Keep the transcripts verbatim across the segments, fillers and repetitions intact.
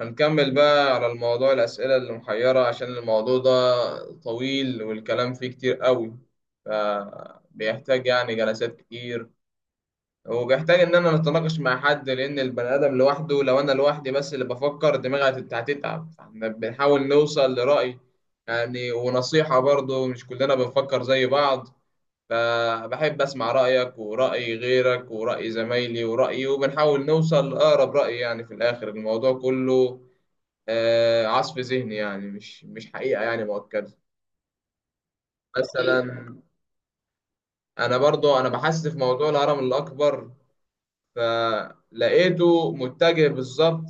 هنكمل بقى على الموضوع الأسئلة اللي محيرة عشان الموضوع ده طويل والكلام فيه كتير قوي فبيحتاج يعني جلسات كتير وبيحتاج إن أنا نتناقش مع حد لأن البني آدم لوحده لو أنا لوحدي بس اللي بفكر دماغي هتت- هتتعب فاحنا بنحاول نوصل لرأي يعني ونصيحة برضه مش كلنا بنفكر زي بعض فبحب أسمع رأيك ورأي غيرك ورأي زمايلي ورأيي وبنحاول نوصل لأقرب رأي يعني في الآخر الموضوع كله. آه، عصف ذهني يعني مش مش حقيقة يعني مؤكدة. مثلا أنا برضو أنا بحثت في موضوع الهرم الأكبر فلقيته متجه بالظبط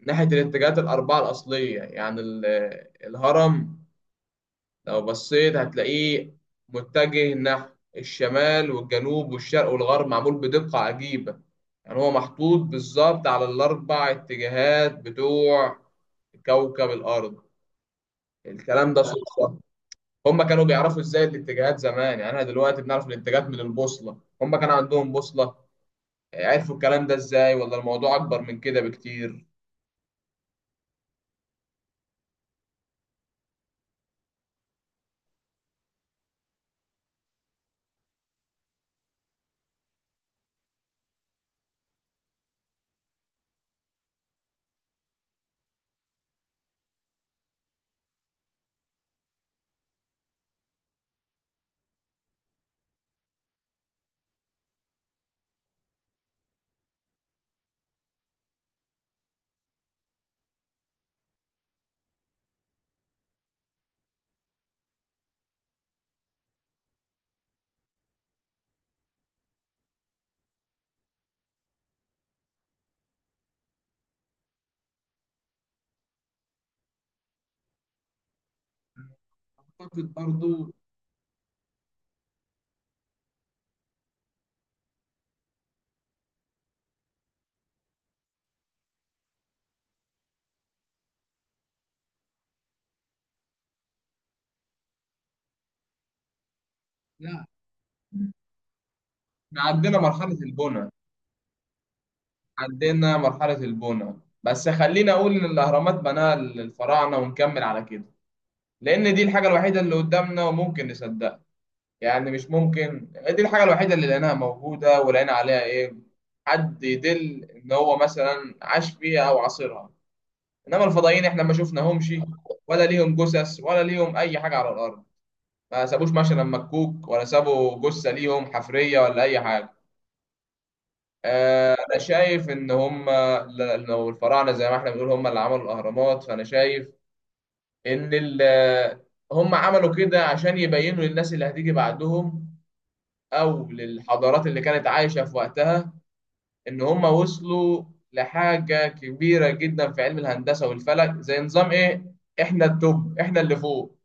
ناحية الاتجاهات الأربعة الأصلية يعني ال- الهرم لو بصيت هتلاقيه متجه نحو الشمال والجنوب والشرق والغرب، معمول بدقة عجيبة. يعني هو محطوط بالظبط على الأربع اتجاهات بتوع كوكب الأرض. الكلام ده صدفة؟ هم كانوا بيعرفوا ازاي الاتجاهات زمان؟ يعني احنا دلوقتي بنعرف الاتجاهات من البوصلة، هم كان عندهم بوصلة؟ عرفوا الكلام ده ازاي ولا الموضوع اكبر من كده بكتير؟ اعتقد برضو. لا، احنا عندنا مرحلة البناء. عندنا مرحلة البناء، بس خلينا اقول ان الاهرامات بناها الفراعنة ونكمل على كده، لان دي الحاجة الوحيدة اللي قدامنا وممكن نصدقها. يعني مش ممكن، دي الحاجة الوحيدة اللي لقيناها موجودة ولقينا عليها ايه، حد يدل ان هو مثلا عاش فيها او عاصرها. انما الفضائيين احنا ما شفناهمش ولا ليهم جثث ولا ليهم اي حاجه على الارض. ما سابوش مثلا مكوك ولا سابوا جثه ليهم حفريه ولا اي حاجه. آه، انا شايف ان هم، ل- لو الفراعنه زي ما احنا بنقول هم اللي عملوا الاهرامات، فانا شايف ان ال- هم عملوا كده عشان يبينوا للناس اللي هتيجي بعدهم او للحضارات اللي كانت عايشه في وقتها ان هم وصلوا لحاجه كبيره جدا في علم الهندسه والفلك، زي نظام ايه، احنا التوب، احنا اللي فوق،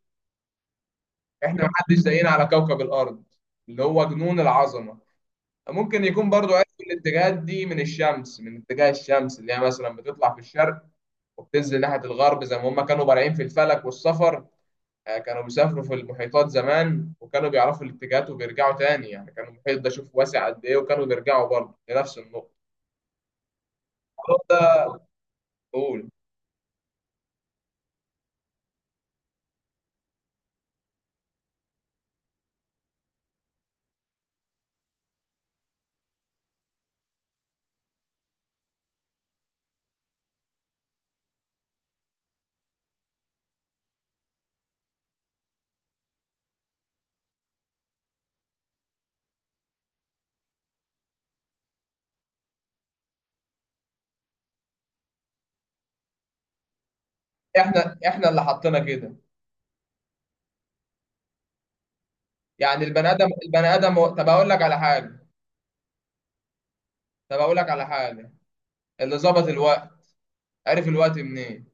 احنا محدش زينا على كوكب الارض، اللي هو جنون العظمه. ممكن يكون برضو عرفوا الاتجاهات دي من الشمس، من اتجاه الشمس اللي هي مثلا بتطلع في الشرق وبتنزل ناحيه الغرب، زي ما هم كانوا بارعين في الفلك والسفر. آه، كانوا بيسافروا في المحيطات زمان وكانوا بيعرفوا الاتجاهات وبيرجعوا تاني. يعني كانوا المحيط ده شوف واسع قد ايه، وكانوا بيرجعوا برضه لنفس النقطه. الحوار ده، قول. احنا احنا اللي حطينا كده. يعني البني ادم، البني ادم هو- طب اقول لك على حاجه. طب اقول لك على حاجه، اللي ظبط الوقت عارف الوقت منين؟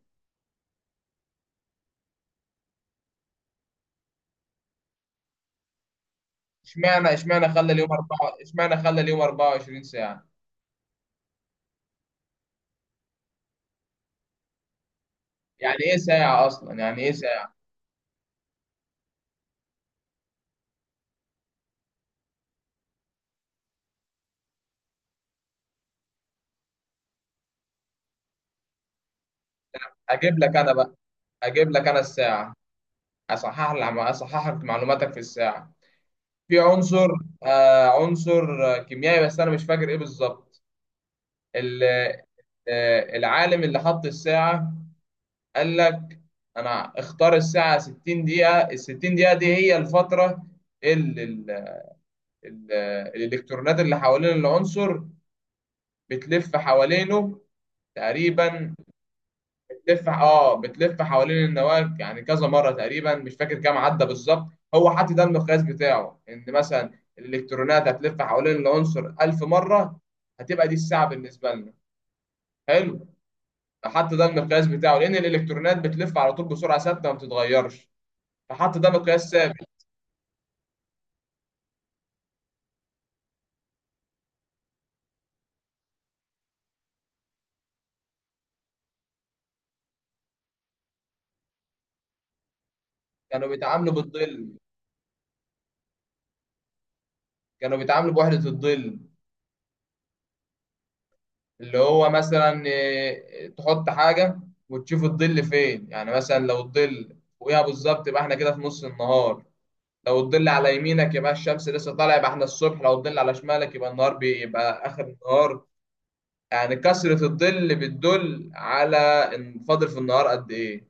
اشمعنى اشمعنى خلى اليوم أربعة، اشمعنى خلى اليوم أربعة وعشرين ساعة؟ يعني ايه ساعة اصلا، يعني ايه ساعة؟ اجيب لك انا بقى، اجيب لك انا الساعة. اصحح لك اصحح لك معلوماتك في الساعة. في عنصر، آه عنصر آه، كيميائي بس انا مش فاكر ايه بالظبط. ال- آه، العالم اللي حط الساعة قال لك انا اختار الساعة ستين دقيقة. ال ستين دقيقة دي هي الفترة اللي ال- ال- الالكترونات اللي حوالين العنصر بتلف حوالينه تقريبا. بتلف، اه، بتلف حوالين النواة، يعني كذا مرة تقريبا مش فاكر كام عدى بالظبط. هو حاطط ده المقياس بتاعه ان مثلا الالكترونات هتلف حوالين العنصر ألف مرة، هتبقى دي الساعة بالنسبة لنا. حلو. فحط ده المقياس بتاعه لان الالكترونات بتلف على طول بسرعة ثابتة ما بتتغيرش، فحط ده مقياس ثابت. كانوا بيتعاملوا بالظل، كانوا بيتعاملوا بوحدة الظل. اللي هو مثلا إيه، تحط حاجة وتشوف الظل فين. يعني مثلا لو الظل فوقيها بالظبط يبقى احنا كده في نص النهار. لو الظل على يمينك يبقى الشمس لسه طالعة، يبقى احنا الصبح. لو الظل على شمالك يبقى النهار بيبقى آخر النهار. يعني كثرة الظل بتدل على ان فاضل في النهار قد ايه.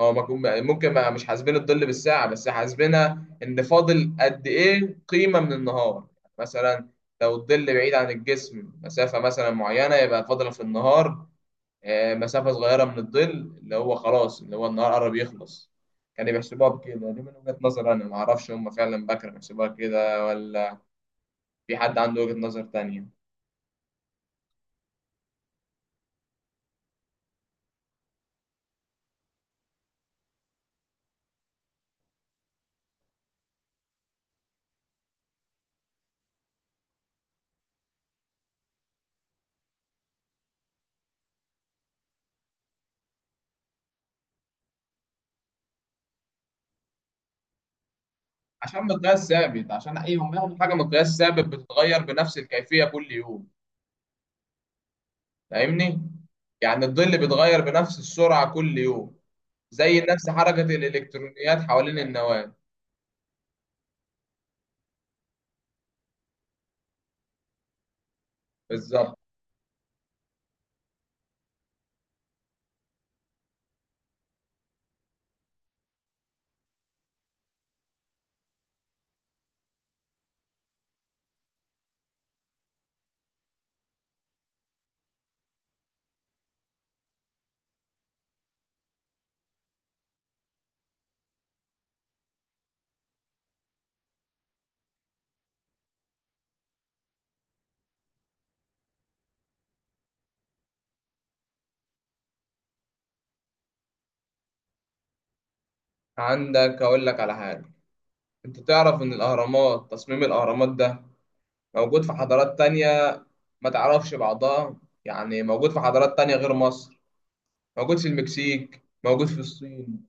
هو ما كون- ممكن ما مش حاسبين الظل بالساعة، بس حاسبينها ان فاضل قد ايه قيمة من النهار. مثلا لو الظل بعيد عن الجسم مسافة مثلا معينة يبقى فاضلة في النهار. آه، مسافة صغيرة من الظل اللي هو خلاص، اللي هو النهار قرب يخلص. كانوا بيحسبوها بكده. دي من وجهة نظر أنا، معرفش هم فعلا بقى كانوا بيحسبوها كده ولا في حد عنده وجهة نظر تانية. عشان مقياس ثابت، عشان أي هم ياخدوا حاجة مقياس ثابت بتتغير بنفس الكيفية كل يوم. فاهمني؟ يعني الظل بيتغير بنفس السرعة كل يوم، زي نفس حركة الإلكترونيات حوالين النواة. بالظبط. عندك، أقول لك على حاجة. أنت تعرف إن الأهرامات، تصميم الأهرامات ده موجود في حضارات تانية ما تعرفش بعضها؟ يعني موجود في حضارات تانية غير مصر. موجود في المكسيك، موجود في الصين،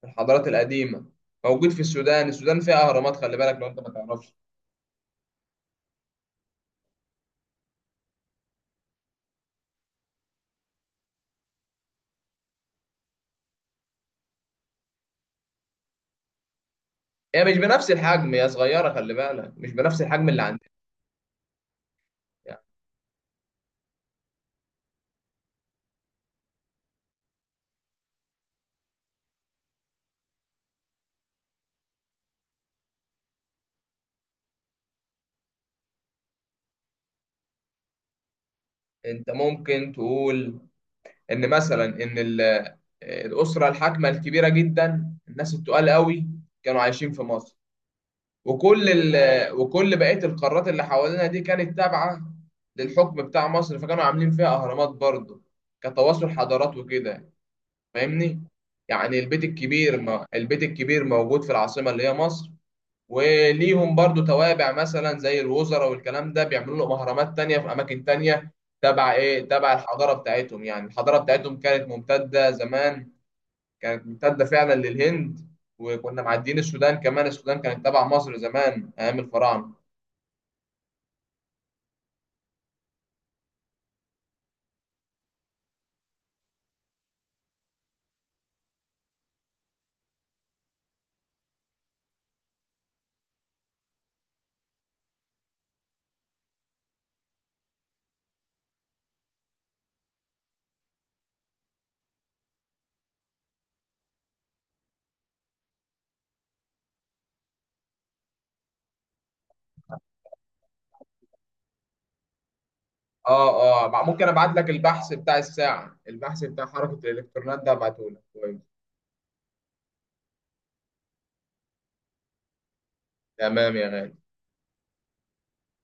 في الحضارات القديمة. موجود في السودان، السودان فيها أهرامات، خلي بالك لو أنت ما تعرفش. هي مش بنفس الحجم، هي صغيرة، خلي بالك مش بنفس الحجم اللي عندنا. يعني أنت ممكن تقول إن مثلا إن ال- الأسرة الحاكمة الكبيرة جدا، الناس التقال قوي، كانوا عايشين في مصر، وكل ال... وكل بقية القارات اللي حوالينا دي كانت تابعة للحكم بتاع مصر، فكانوا عاملين فيها أهرامات برضه كتواصل حضارات وكده. فاهمني؟ يعني البيت الكبير ما... البيت الكبير موجود في العاصمة اللي هي مصر، وليهم برضه توابع مثلا زي الوزراء والكلام ده بيعملوا لهم أهرامات تانية في أماكن تانية. تبع إيه؟ تبع الحضارة بتاعتهم. يعني الحضارة بتاعتهم كانت ممتدة زمان، كانت ممتدة فعلا للهند، وكنا معديين السودان كمان، السودان كانت تبع مصر زمان أيام الفراعنة. اه اه مع- ممكن ابعت لك البحث بتاع الساعة، البحث بتاع حركة الالكترونات ده ابعته لك كويس. تمام يا غالي.